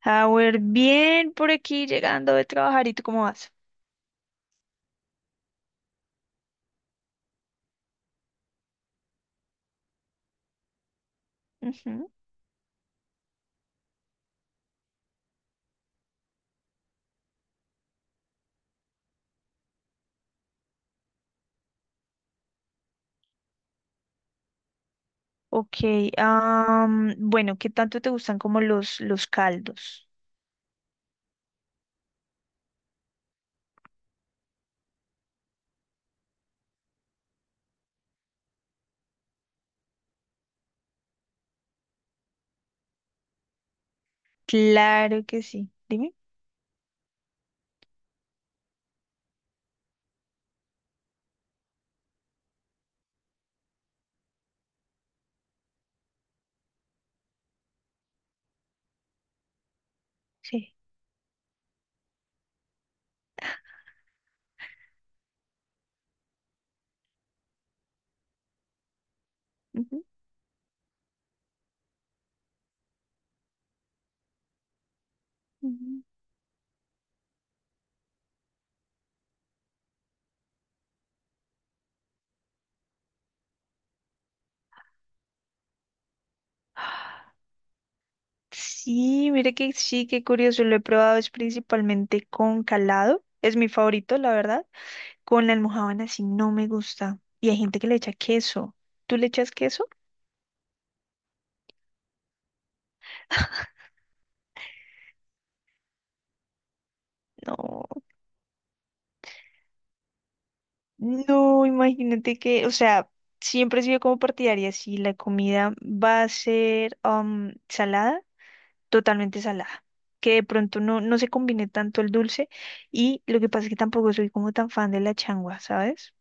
Howard, bien por aquí llegando de trabajar. ¿Y tú cómo vas? Ujú. Ok, bueno, ¿qué tanto te gustan como los caldos? Claro que sí. Dime. Sí. Ujú, ujú. Sí, mire que sí, qué curioso. Lo he probado es principalmente con calado. Es mi favorito, la verdad. Con la almojábana sí no me gusta. Y hay gente que le echa queso. ¿Tú le echas queso? No. No, imagínate que, o sea, siempre he sido como partidaria, si la comida va a ser salada, totalmente salada, que de pronto no, no se combine tanto el dulce. Y lo que pasa es que tampoco soy como tan fan de la changua, ¿sabes?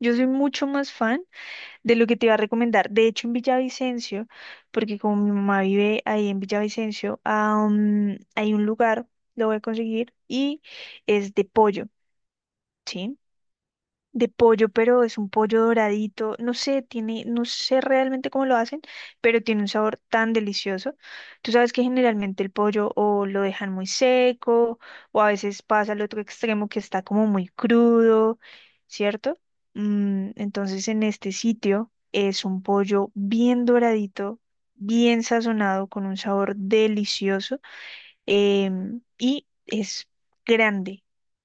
Yo soy mucho más fan de lo que te iba a recomendar. De hecho, en Villavicencio, porque como mi mamá vive ahí en Villavicencio, hay un lugar, lo voy a conseguir, y es de pollo. ¿Sí? De pollo, pero es un pollo doradito, no sé, tiene, no sé realmente cómo lo hacen, pero tiene un sabor tan delicioso. Tú sabes que generalmente el pollo o lo dejan muy seco, o a veces pasa al otro extremo que está como muy crudo, ¿cierto? Entonces en este sitio es un pollo bien doradito, bien sazonado, con un sabor delicioso y es grande.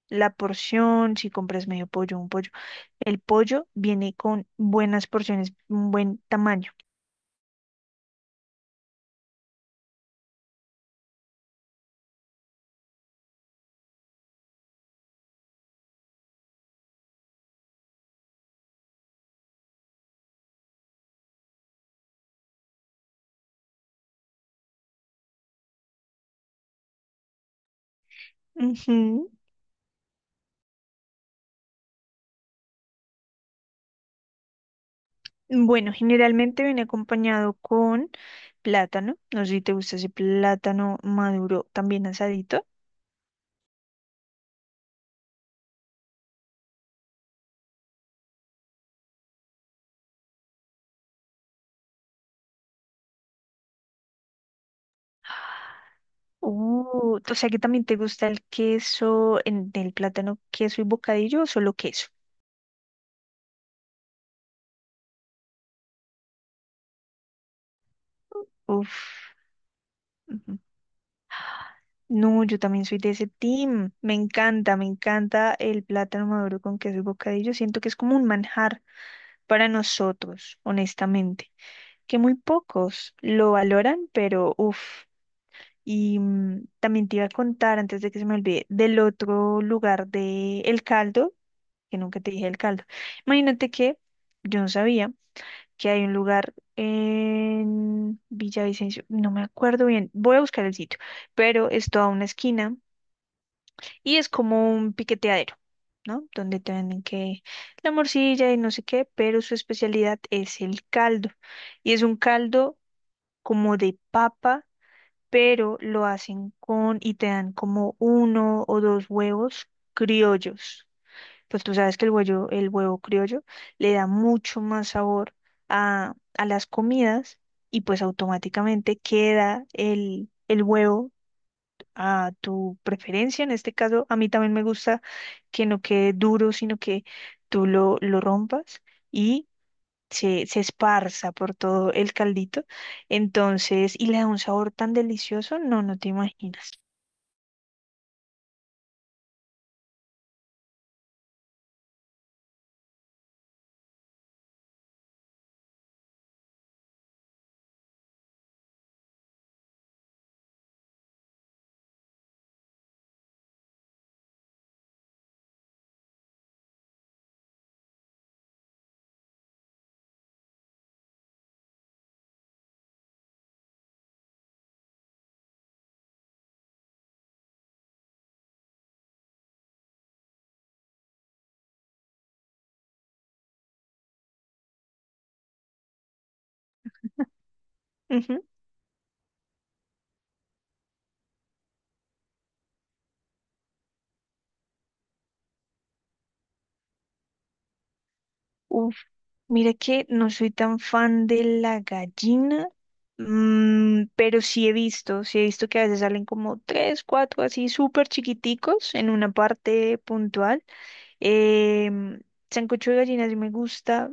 La porción, si compras medio pollo, un pollo. El pollo viene con buenas porciones, un buen tamaño. Ujú. Bueno, generalmente viene acompañado con plátano. No sé si te gusta ese plátano maduro, también asadito. O sea que también te gusta el queso, en el plátano, queso y bocadillo o solo queso. Uf. No, yo también soy de ese team. Me encanta el plátano maduro con queso y bocadillo. Siento que es como un manjar para nosotros, honestamente. Que muy pocos lo valoran, pero uff. Y también te iba a contar, antes de que se me olvide, del otro lugar de El Caldo, que nunca te dije El Caldo. Imagínate que yo no sabía que hay un lugar en Villavicencio, no me acuerdo bien, voy a buscar el sitio, pero es toda una esquina y es como un piqueteadero, ¿no? Donde te venden que la morcilla y no sé qué, pero su especialidad es el caldo. Y es un caldo como de papa, pero lo hacen con y te dan como uno o dos huevos criollos. Pues tú sabes que el huevo criollo le da mucho más sabor a las comidas, y pues automáticamente queda el huevo a tu preferencia. En este caso, a mí también me gusta que no quede duro, sino que tú lo rompas y se esparza por todo el caldito. Entonces, y le da un sabor tan delicioso, no, no te imaginas. Ujú. Uf, mira que no soy tan fan de la gallina. Pero sí he visto que a veces salen como tres, cuatro así súper chiquiticos en una parte puntual. Em, Sancocho de gallina sí me gusta,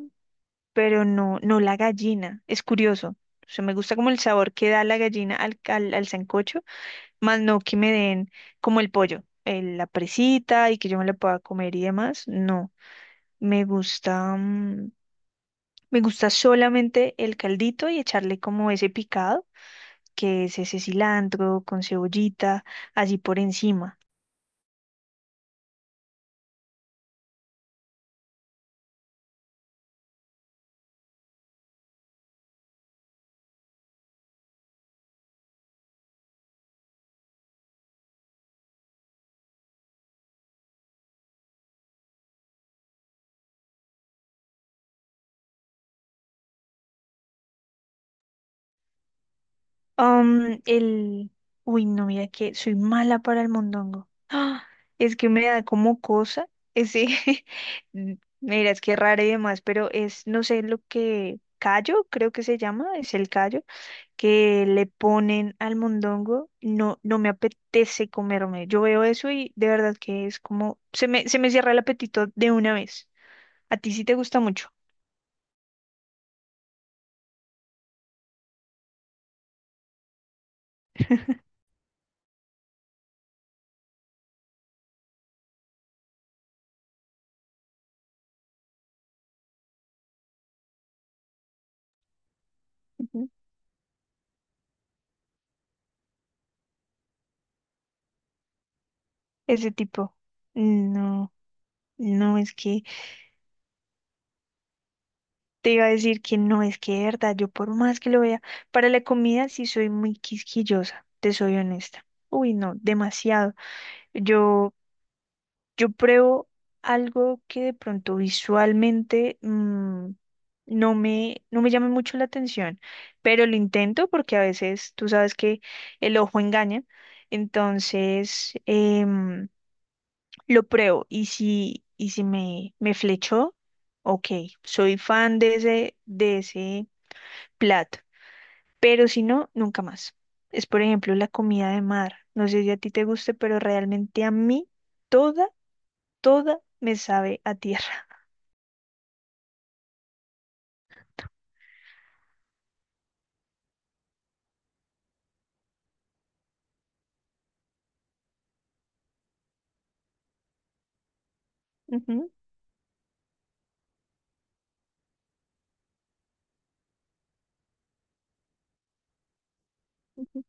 pero no, no la gallina. Es curioso. O sea, me gusta como el sabor que da la gallina al sancocho, más no que me den como el pollo, la presita y que yo me la pueda comer y demás. No, me gusta, me gusta solamente el caldito y echarle como ese picado, que es ese cilantro con cebollita, así por encima. Um, el... Uy, no, mira que soy mala para el mondongo. ¡Ah! Es que me da como cosa ese... Mira, es que es raro y demás, pero es, no sé, lo que callo, creo que se llama, es el callo, que le ponen al mondongo. No, no me apetece comerme. Yo veo eso y de verdad que es como... Se me cierra el apetito de una vez. A ti sí te gusta mucho. Ujú. Ese tipo. No, no, es que... Te iba a decir que no, es que de verdad, yo por más que lo vea, para la comida sí soy muy quisquillosa, te soy honesta. Uy, no, demasiado. Yo, yo pruebo algo que de pronto visualmente mm, no me llama mucho la atención, pero lo intento porque a veces tú sabes que el ojo engaña. Entonces, lo pruebo y si me flechó, ok, soy fan de ese plato, pero si no, nunca más. Es, por ejemplo, la comida de mar. No sé si a ti te guste, pero realmente a mí toda, toda me sabe a tierra. Ujú, ujú.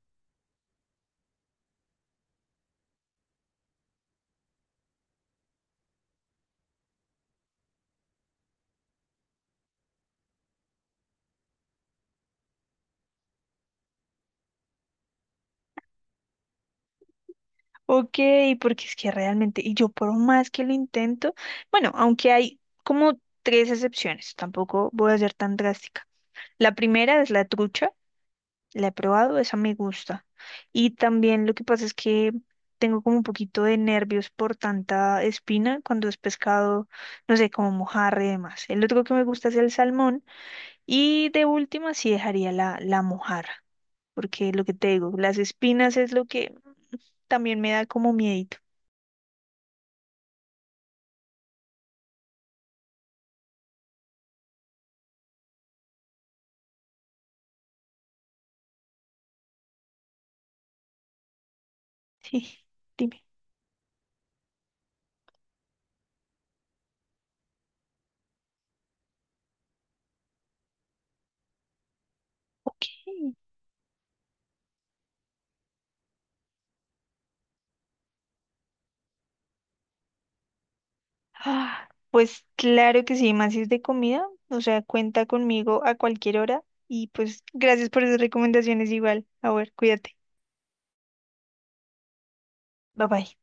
Ok, porque es que realmente, y yo por más que lo intento, bueno, aunque hay como tres excepciones, tampoco voy a ser tan drástica. La primera es la trucha. La he probado, esa me gusta. Y también lo que pasa es que tengo como un poquito de nervios por tanta espina cuando es pescado, no sé, como mojarra y demás. El otro que me gusta es el salmón y de última sí dejaría la mojarra, porque lo que te digo, las espinas es lo que también me da como miedito. Sí, dime. Ok. Ah, pues claro que sí, más si es de comida, o sea, cuenta conmigo a cualquier hora y pues gracias por esas recomendaciones igual. A ver, cuídate. Bye bye.